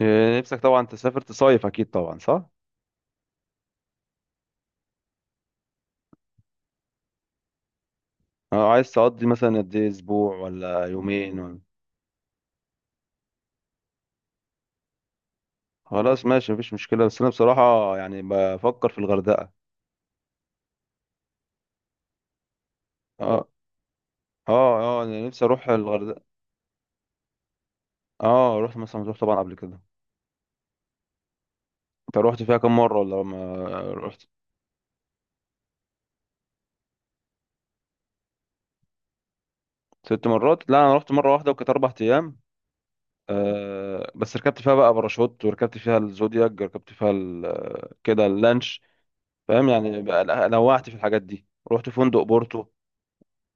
إيه، نفسك طبعا تسافر تصيف، اكيد طبعا صح. عايز تقضي مثلا قد ايه، اسبوع ولا يومين ولا... خلاص ماشي، مفيش مشكله، بس انا بصراحه يعني بفكر في الغردقه. اه، اه، اه، انا نفسي اروح الغردقه. اه، رحت مثلا مطروح طبعا قبل كده. انت رحت فيها كام مره ولا ما رحت؟ 6 مرات؟ لا، انا رحت مره واحده وكانت 4 ايام. بس ركبت فيها بقى باراشوت، وركبت فيها الزودياك، ركبت فيها كده اللانش. فاهم؟ يعني بقى نوعت في الحاجات دي. رحت فندق بورتو.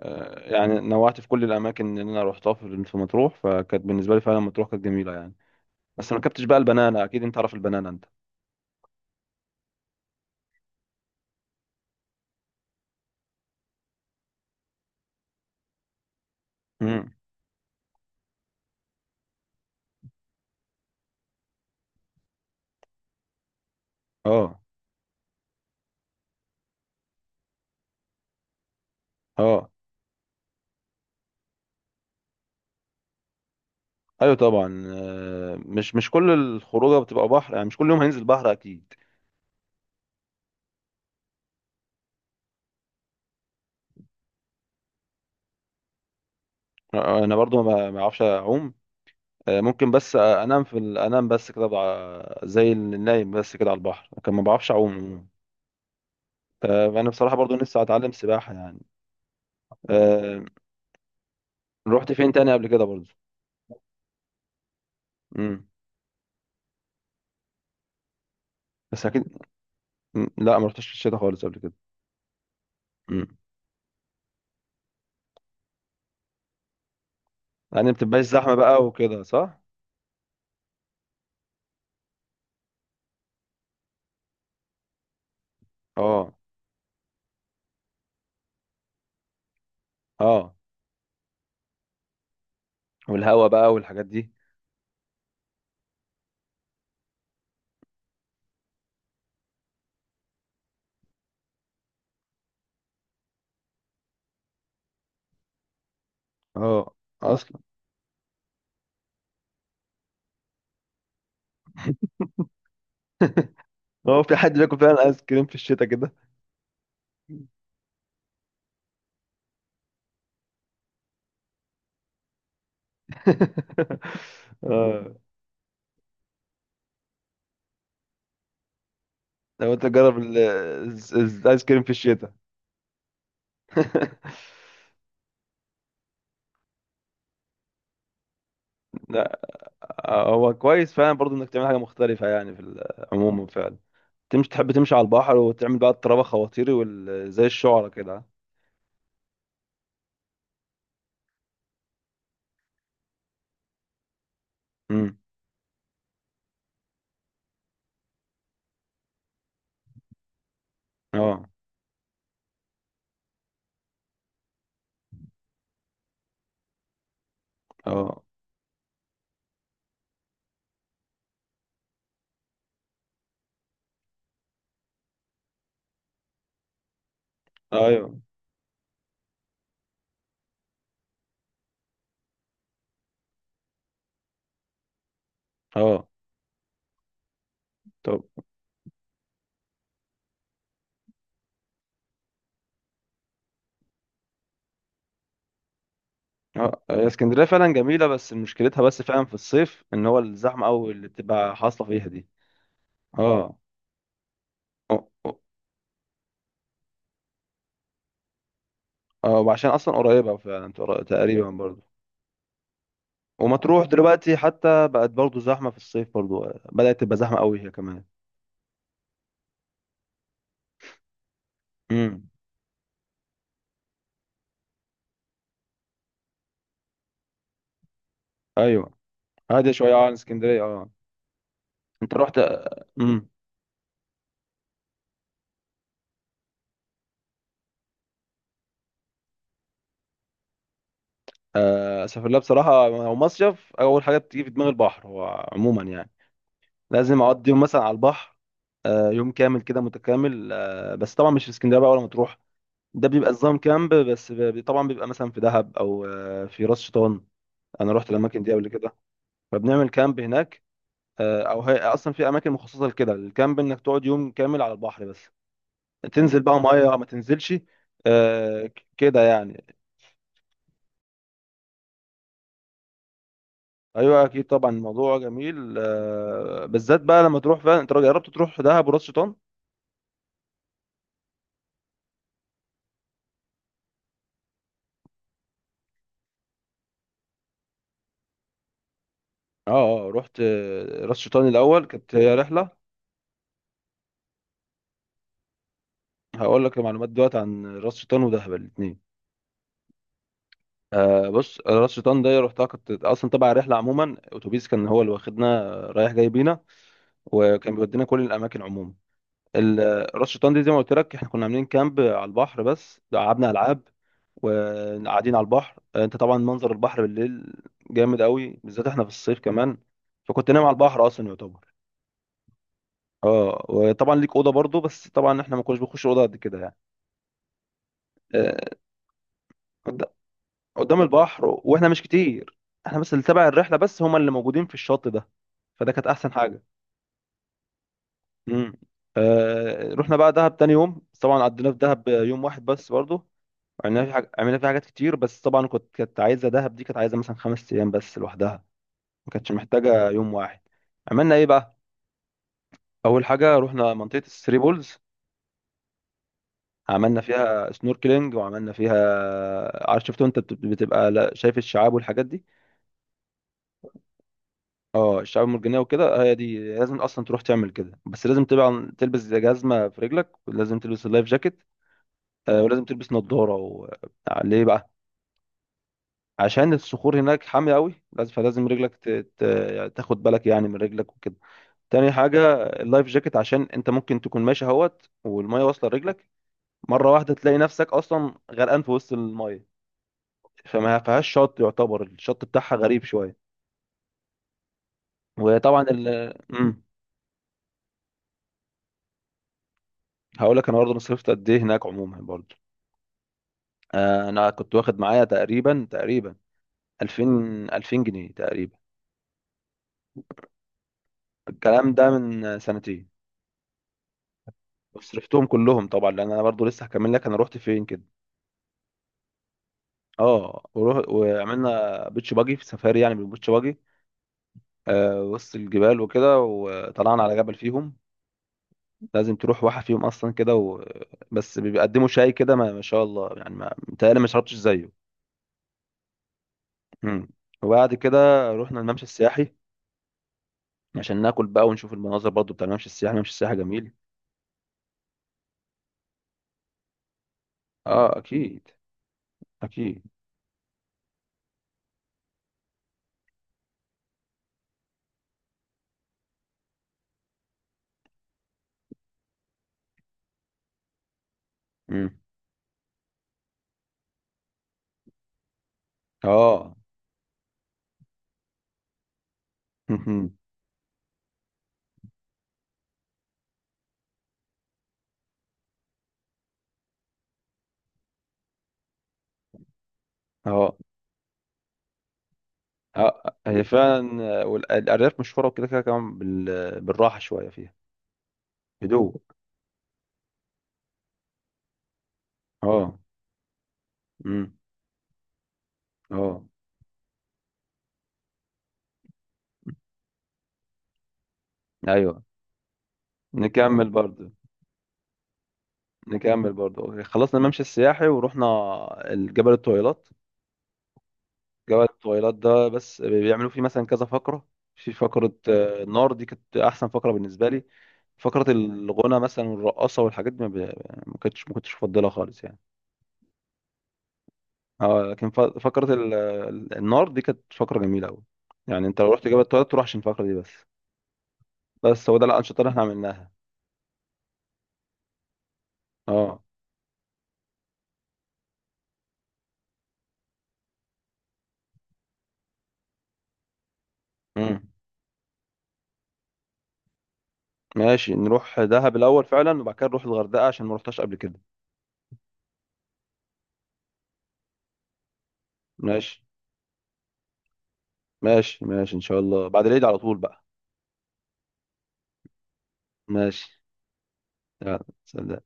يعني نوعت في كل الاماكن اللي انا روحتها في في مطروح، فكانت بالنسبه لي فعلا مطروح كانت جميله يعني. بس ما ركبتش بقى البنانا، اكيد انت عارف البنانا انت. امم اه، اه، ايوه طبعا. مش كل الخروجه بتبقى بحر، يعني مش كل يوم هننزل بحر اكيد. انا برضو ما بعرفش اعوم. ممكن بس، انام في انام بس كده زي النايم بس كده على البحر، لكن ما بعرفش اعوم. فانا بصراحه برضو لسه اتعلم سباحه يعني. آه، رحت فين تاني قبل كده برضو؟ امم. بس اكيد. مم. لا، ما رحتش في الشتاء خالص قبل كده. مم. يعني ما بتبقاش زحمه بقى وكده، صح؟ اه، اه. والهوا بقى والحاجات دي. اه. اصلا... هو في حد بياكل فعلا ايس كريم في الشتاء كده؟ اه. لو انت تجرب الايس كريم في الشتاء... لا. هو كويس فعلا برضو انك تعمل حاجه مختلفه، يعني في عموما فعلا. تمشي، تحب تمشي على البحر، وتعمل بقى الطرابه خواطيري زي الشعرة كده. امم. اه، اه، ايوه، اه. طب. اه، هي اسكندريه فعلا جميله، بس مشكلتها بس فعلا في الصيف ان هو الزحمه قوي اللي بتبقى حاصله فيها دي. اه، اه، اه، اه، وعشان اصلا قريبه فعلا تقريبا برضو. ومطروح دلوقتي حتى بقت برضو زحمه في الصيف برضو، بدات تبقى زحمه قوي هي كمان. امم، ايوه. هاديه شويه عن اسكندريه، اه. انت رحت. امم. اسافر لها بصراحه، هو مصيف اول حاجه بتيجي في دماغ البحر هو عموما يعني. لازم اقضي يوم مثلا على البحر، يوم كامل كده متكامل. بس طبعا مش في اسكندريه بقى ولا مطروح، ده بيبقى نظام كامب. طبعا بيبقى مثلا في دهب او في راس شيطان. انا رحت الاماكن دي قبل كده، فبنعمل كامب هناك. او هي اصلا في اماكن مخصصه لكده الكامب، انك تقعد يوم كامل على البحر بس. تنزل بقى ميه ما تنزلش، كده يعني. ايوه اكيد طبعا الموضوع جميل، بالذات بقى لما تروح فعلا. انت جربت تروح دهب وراس شيطان؟ اه، اه، رحت. راس شيطان الاول كانت هي رحله. هقول لك المعلومات دلوقتي عن راس شيطان ودهب الاثنين. بص، راس شيطان ده رحتها كنت اصلا تبع الرحله عموما، اتوبيس كان هو اللي واخدنا، رايح جاي بينا، وكان بيودينا كل الاماكن عموما. راس شيطان دي زي ما قلت لك احنا كنا عاملين كامب على البحر، بس لعبنا العاب وقاعدين على البحر. انت طبعا منظر البحر بالليل جامد قوي، بالذات احنا في الصيف كمان، فكنت نايم على البحر اصلا يعتبر. اه، وطبعا ليك اوضه برضو، بس طبعا احنا ما كناش بنخش اوضه قد كده يعني. آه، قد- قدام البحر، و- واحنا مش كتير، احنا بس اللي تبع الرحله بس هم اللي موجودين في الشط ده، فده كانت احسن حاجه. امم. رحنا بقى دهب تاني يوم، بس طبعا قضينا في دهب يوم واحد بس برضه. عملنا في حاجة عملنا في حاجات كتير، بس طبعا كانت عايزه دهب دي كانت عايزه مثلا 5 ايام بس لوحدها، ما كانتش محتاجه يوم واحد. عملنا ايه بقى؟ اول حاجه رحنا منطقه الثري بولز. عملنا فيها سنوركلينج، وعملنا فيها عارف، شفتوا انت بتبقى شايف الشعاب والحاجات دي. اه، الشعاب المرجانيه وكده، هي دي لازم اصلا تروح تعمل كده، بس لازم طبعا تلبس جزمه في رجلك، ولازم تلبس اللايف جاكيت، ولازم تلبس نظاره و... ليه بقى؟ عشان الصخور هناك حاميه قوي، لازم، فلازم رجلك يعني تاخد بالك يعني من رجلك وكده. تاني حاجه اللايف جاكيت، عشان انت ممكن تكون ماشي اهوت والميه واصله لرجلك، مره واحده تلاقي نفسك اصلا غرقان في وسط الميه، فما فيهاش شط، يعتبر الشط بتاعها غريب شويه. وطبعا ال... هقول لك انا برضه أنا صرفت قد ايه هناك عموما برضه. انا كنت واخد معايا تقريبا 2000... 2000 جنيه تقريبا. الكلام ده من سنتين، وصرفتهم كلهم طبعا، لان انا برضو لسه هكمل لك انا رحت فين كده. اه، وعملنا بيتش باجي في سفاري، يعني بالبيتش باجي، وسط الجبال وكده، وطلعنا على جبل فيهم. لازم تروح واحد فيهم اصلا كده و... بس بيقدموا شاي كده، ما شاء الله يعني، ما متهيألي ما شربتش زيه. مم. وبعد كده رحنا الممشى السياحي، عشان ناكل بقى ونشوف المناظر، برضو بتاع الممشى السياحي، الممشى السياحي جميل. اه، اكيد، اكيد. امم. اه. مهم. اه، اه، هي فعلا والارياف مشهوره وكده كده كمان بالراحه شويه فيها. هدوء. اه. امم. اه، ايوه. نكمل برضه. نكمل برضه أوكي. خلصنا الممشى السياحي ورحنا الجبل الطويلات. جبل الطويلات ده بس بيعملوا فيه مثلا كذا فقره. في فقره، النار دي كانت احسن فقره بالنسبه لي. فقره الغنى مثلا والرقصه والحاجات دي ما كنتش مفضلها خالص يعني. اه، لكن فقرة النار دي كانت فقرة جميلة أوي. يعني أنت لو رحت جبل التواليت تروح عشان الفقرة دي بس. بس هو ده الأنشطة اللي احنا عملناها. اه. امم. ماشي، نروح دهب الأول فعلا، وبعد كده نروح الغردقة، عشان ما رحتهاش قبل كده. ماشي ماشي ماشي إن شاء الله بعد العيد على طول بقى. ماشي، يلا، سلام.